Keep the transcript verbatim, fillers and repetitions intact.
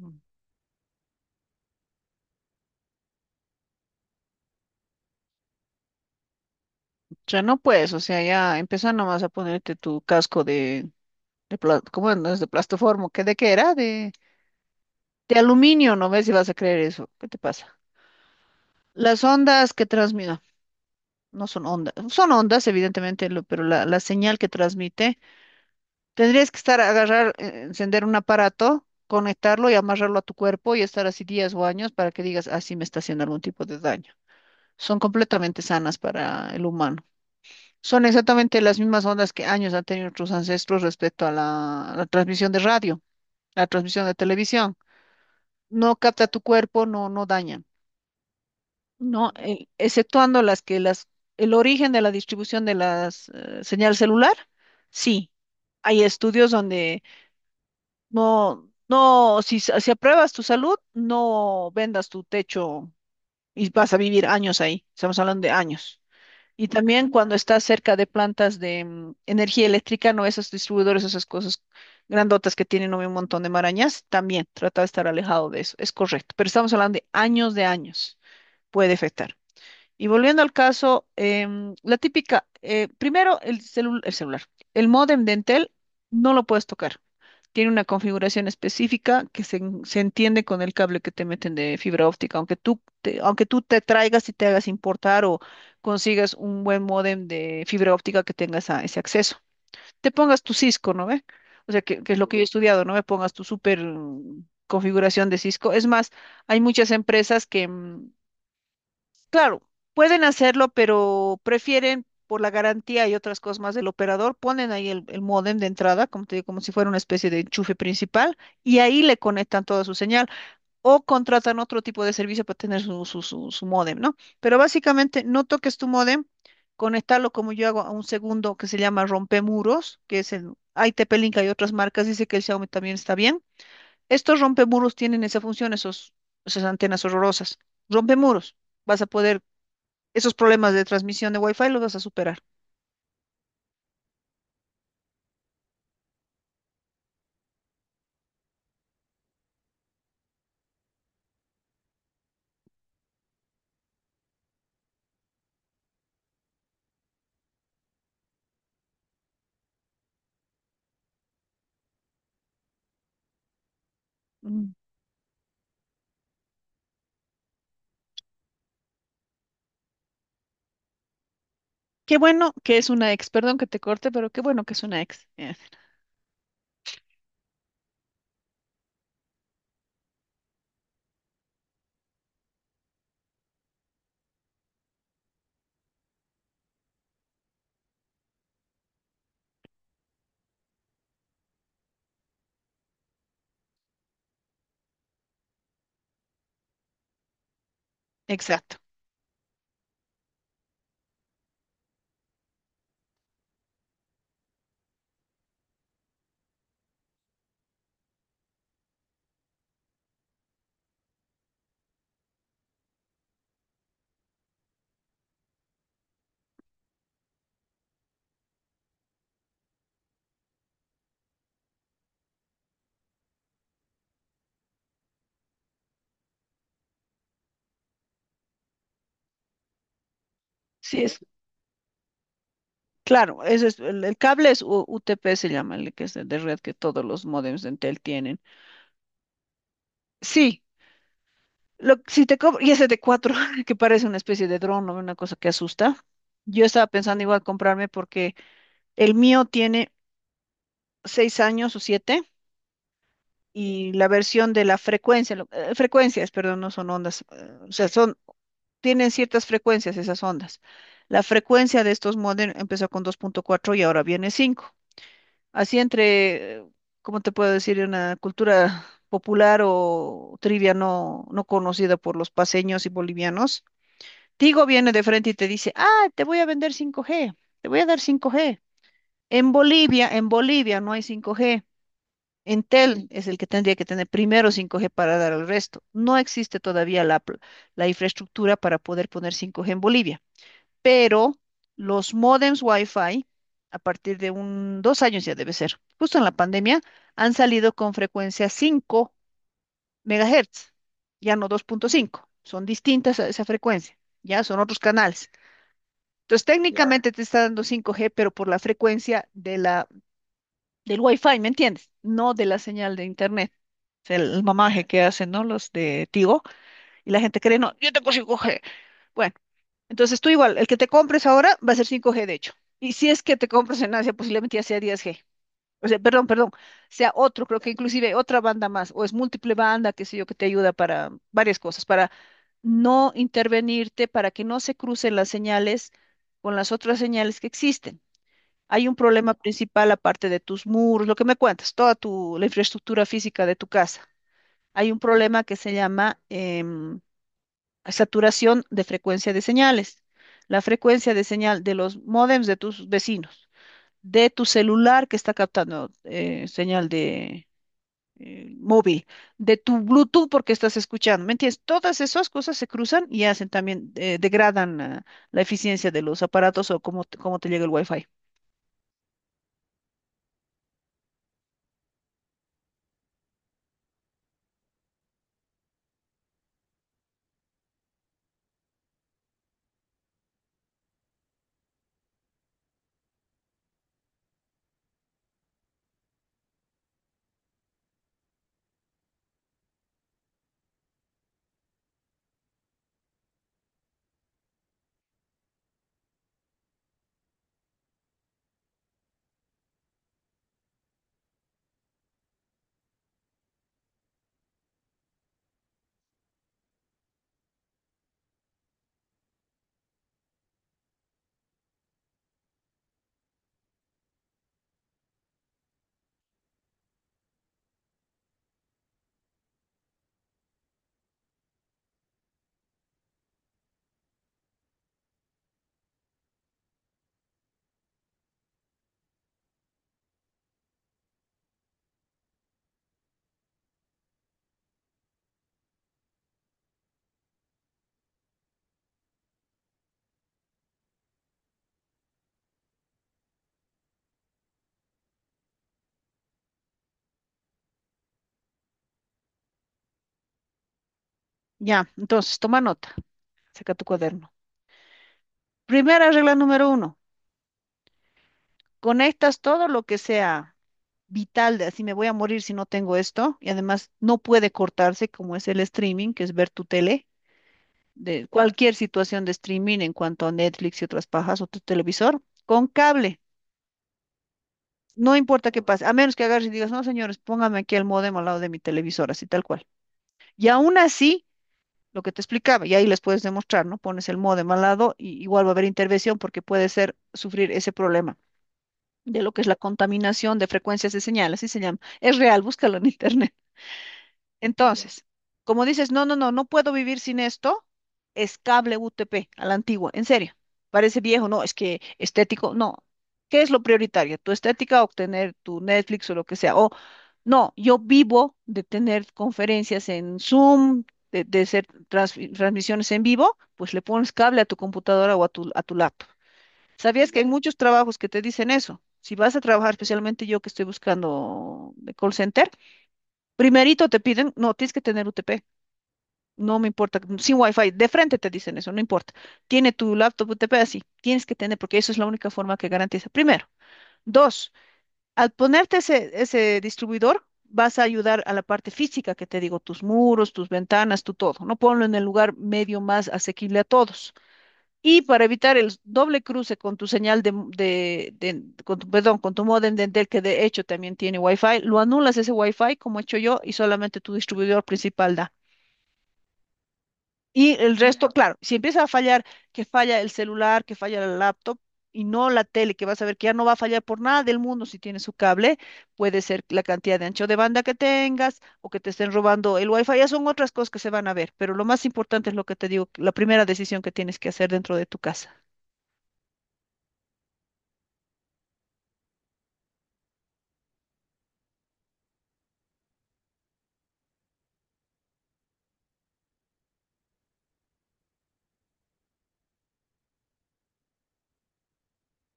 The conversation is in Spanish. Mm. Ya no puedes, o sea, ya empieza nomás a ponerte tu casco de, de pla- ¿cómo no es de plastoformo? ¿Qué de qué era? De, de aluminio, no ves si vas a creer eso. ¿Qué te pasa? Las ondas que transmiten no son ondas, son ondas, evidentemente, lo- pero la, la señal que transmite, tendrías que estar a agarrar, eh, encender un aparato, conectarlo y amarrarlo a tu cuerpo y estar así días o años para que digas, así me está haciendo algún tipo de daño. Son completamente sanas para el humano. Son exactamente las mismas ondas que años han tenido nuestros ancestros respecto a la, la transmisión de radio, la transmisión de televisión. No capta tu cuerpo, no, no daña, ¿no? Eh, exceptuando las que las, el origen de la distribución de las eh, señal celular, sí. Hay estudios donde no, no, si, s- si apruebas tu salud, no vendas tu techo y vas a vivir años ahí. Estamos hablando de años. Y también cuando estás cerca de plantas de mm, energía eléctrica, no esos distribuidores, esas cosas grandotas que tienen, ¿no?, un montón de marañas, también trata de estar alejado de eso. Es correcto, pero estamos hablando de años de años, puede afectar. Y volviendo al caso, em, la típica, eh, primero el celu- el celular, el módem de Entel no lo puedes tocar, tiene una configuración específica que se, en- se entiende con el cable que te meten de fibra óptica. Aunque tú te, aunque tú te traigas y te hagas importar o consigas un buen módem de fibra óptica que tenga esa- ese acceso. Te pongas tu Cisco, ¿no ve? O sea, que, que es lo que yo he estudiado, ¿no? Me pongas tu super mm, configuración de Cisco. Es más, hay muchas empresas que, mm, claro, pueden hacerlo, pero prefieren por la garantía y otras cosas más del operador, ponen ahí el, el módem de entrada, como te digo, como si fuera una especie de enchufe principal, y ahí le conectan toda su señal, o contratan otro tipo de servicio para tener su, su, su, su módem, ¿no? Pero básicamente no toques tu módem, conectarlo como yo hago a un segundo que se llama rompemuros, que es el I T P-Link, hay otras marcas, dice que el Xiaomi también está bien. Estos rompemuros tienen esa función, esos, esas antenas horrorosas. Rompemuros vas a poder esos problemas de transmisión de Wi-Fi los vas a superar. Mm. Qué bueno que es una ex, perdón que te corte, pero qué bueno que es una ex. Eh, Exacto. Sí, es claro, ese es, el, el cable es U- UTP, se llama, el que es de, de red que todos los módems de Entel tienen. Sí, lo, si te cobro, y ese de cuatro que parece una especie de dron o una cosa que asusta. Yo estaba pensando igual comprarme porque el mío tiene seis años o siete y la versión de la frecuencia, lo- eh, frecuencias, perdón, no son ondas, eh, o sea, son tienen ciertas frecuencias esas ondas. La frecuencia de estos módems empezó con dos punto cuatro y ahora viene cinco. Así entre, eh, ¿cómo te puedo decir? Una cultura popular o trivia no, no conocida por los paseños y bolivianos. Tigo viene de frente y te dice, ah, te voy a vender cinco G, te voy a dar cinco G. En Bolivia, en Bolivia no hay cinco G. Entel es el que tendría que tener primero cinco G para dar al resto. No existe todavía la, pl- la infraestructura para poder poner cinco G en Bolivia, pero los módems Wi-Fi, a partir de un, dos años ya debe ser, justo en la pandemia, han salido con frecuencia cinco megahertz, ya no dos punto cinco, son distintas a esa frecuencia, ya son otros canales. Entonces, ya, técnicamente te está dando cinco g pero por la frecuencia de la, del Wi-Fi, ¿me entiendes? No de la señal de Internet. O sea, el mamaje que hacen, ¿no? Los de Tigo. Y la gente cree, no, yo tengo cinco G. Entonces tú igual, el que te compres ahora va a ser cinco G de hecho. Y si es que te compras en Asia, posiblemente ya sea diez G. O sea, perdón, perdón, sea otro, creo que inclusive otra banda más, o es múltiple banda, qué sé yo, que te ayuda para varias cosas, para no intervenirte, para que no se crucen las señales con las otras señales que existen. Hay un problema principal aparte de tus muros, lo que me cuentas, toda tu, la infraestructura física de tu casa. Hay un problema que se llama em, saturación de frecuencia de señales, la frecuencia de señal de los módems de tus vecinos, de tu celular que está captando eh, señal de eh, móvil, de tu Bluetooth porque estás escuchando, ¿me entiendes? Todas esas cosas se cruzan y hacen también, eh, degradan eh, la eficiencia de los aparatos o cómo, te- cómo te llega el wifi. Ya, entonces, toma nota, saca tu cuaderno. Primera regla número uno, conectas todo lo que sea vital de así me voy a morir si no tengo esto, y además no puede cortarse como es el streaming, que es ver tu tele, de cualquier situación de streaming en cuanto a Netflix y otras pajas o tu televisor, con cable. No importa qué pase, a menos que agarres y digas, no, señores, póngame aquí el módem al lado de mi televisor, así tal cual. Y aún así, lo que te explicaba, y ahí les puedes demostrar, ¿no? Pones el módem al lado y igual va a haber intervención porque puede ser sufrir ese problema de lo que es la contaminación de frecuencias de señal, así se llama. Es real, búscalo en internet. Entonces, como dices, no, no, no, no puedo vivir sin esto, es cable U T P a la antigua, en serio. Parece viejo, no, es que estético, no. ¿Qué es lo prioritario? ¿Tu estética o tener tu Netflix o lo que sea? O no, yo vivo de tener conferencias en Zoom, de, de hacer transfi- transmisiones en vivo, pues le pones cable a tu computadora o a tu, a tu laptop. ¿Sabías que hay muchos trabajos que te dicen eso? Si vas a trabajar, especialmente yo que estoy buscando de call center, primerito te piden, no, tienes que tener U T P. No me importa, sin wifi, de frente te dicen eso, no importa. Tiene tu laptop U T P así, tienes que tener, porque eso es la única forma que garantiza. Primero. Dos, al ponerte ese, ese distribuidor, vas a ayudar a la parte física que te digo, tus muros, tus ventanas, tu todo, ¿no? Ponlo en el lugar medio más asequible a todos. Y para evitar el doble cruce con tu señal de, de, de- con tu, perdón, con tu módem de Entel, que de hecho también tiene wifi, lo anulas ese wifi como he hecho yo y solamente tu distribuidor principal da. Y el resto, claro, si empieza a fallar, que falla el celular, que falla la laptop y no la tele, que vas a ver que ya no va a fallar por nada del mundo si tiene su cable, puede ser la cantidad de ancho de banda que tengas o que te estén robando el wifi, ya son otras cosas que se van a ver, pero lo más importante es lo que te digo, la primera decisión que tienes que hacer dentro de tu casa.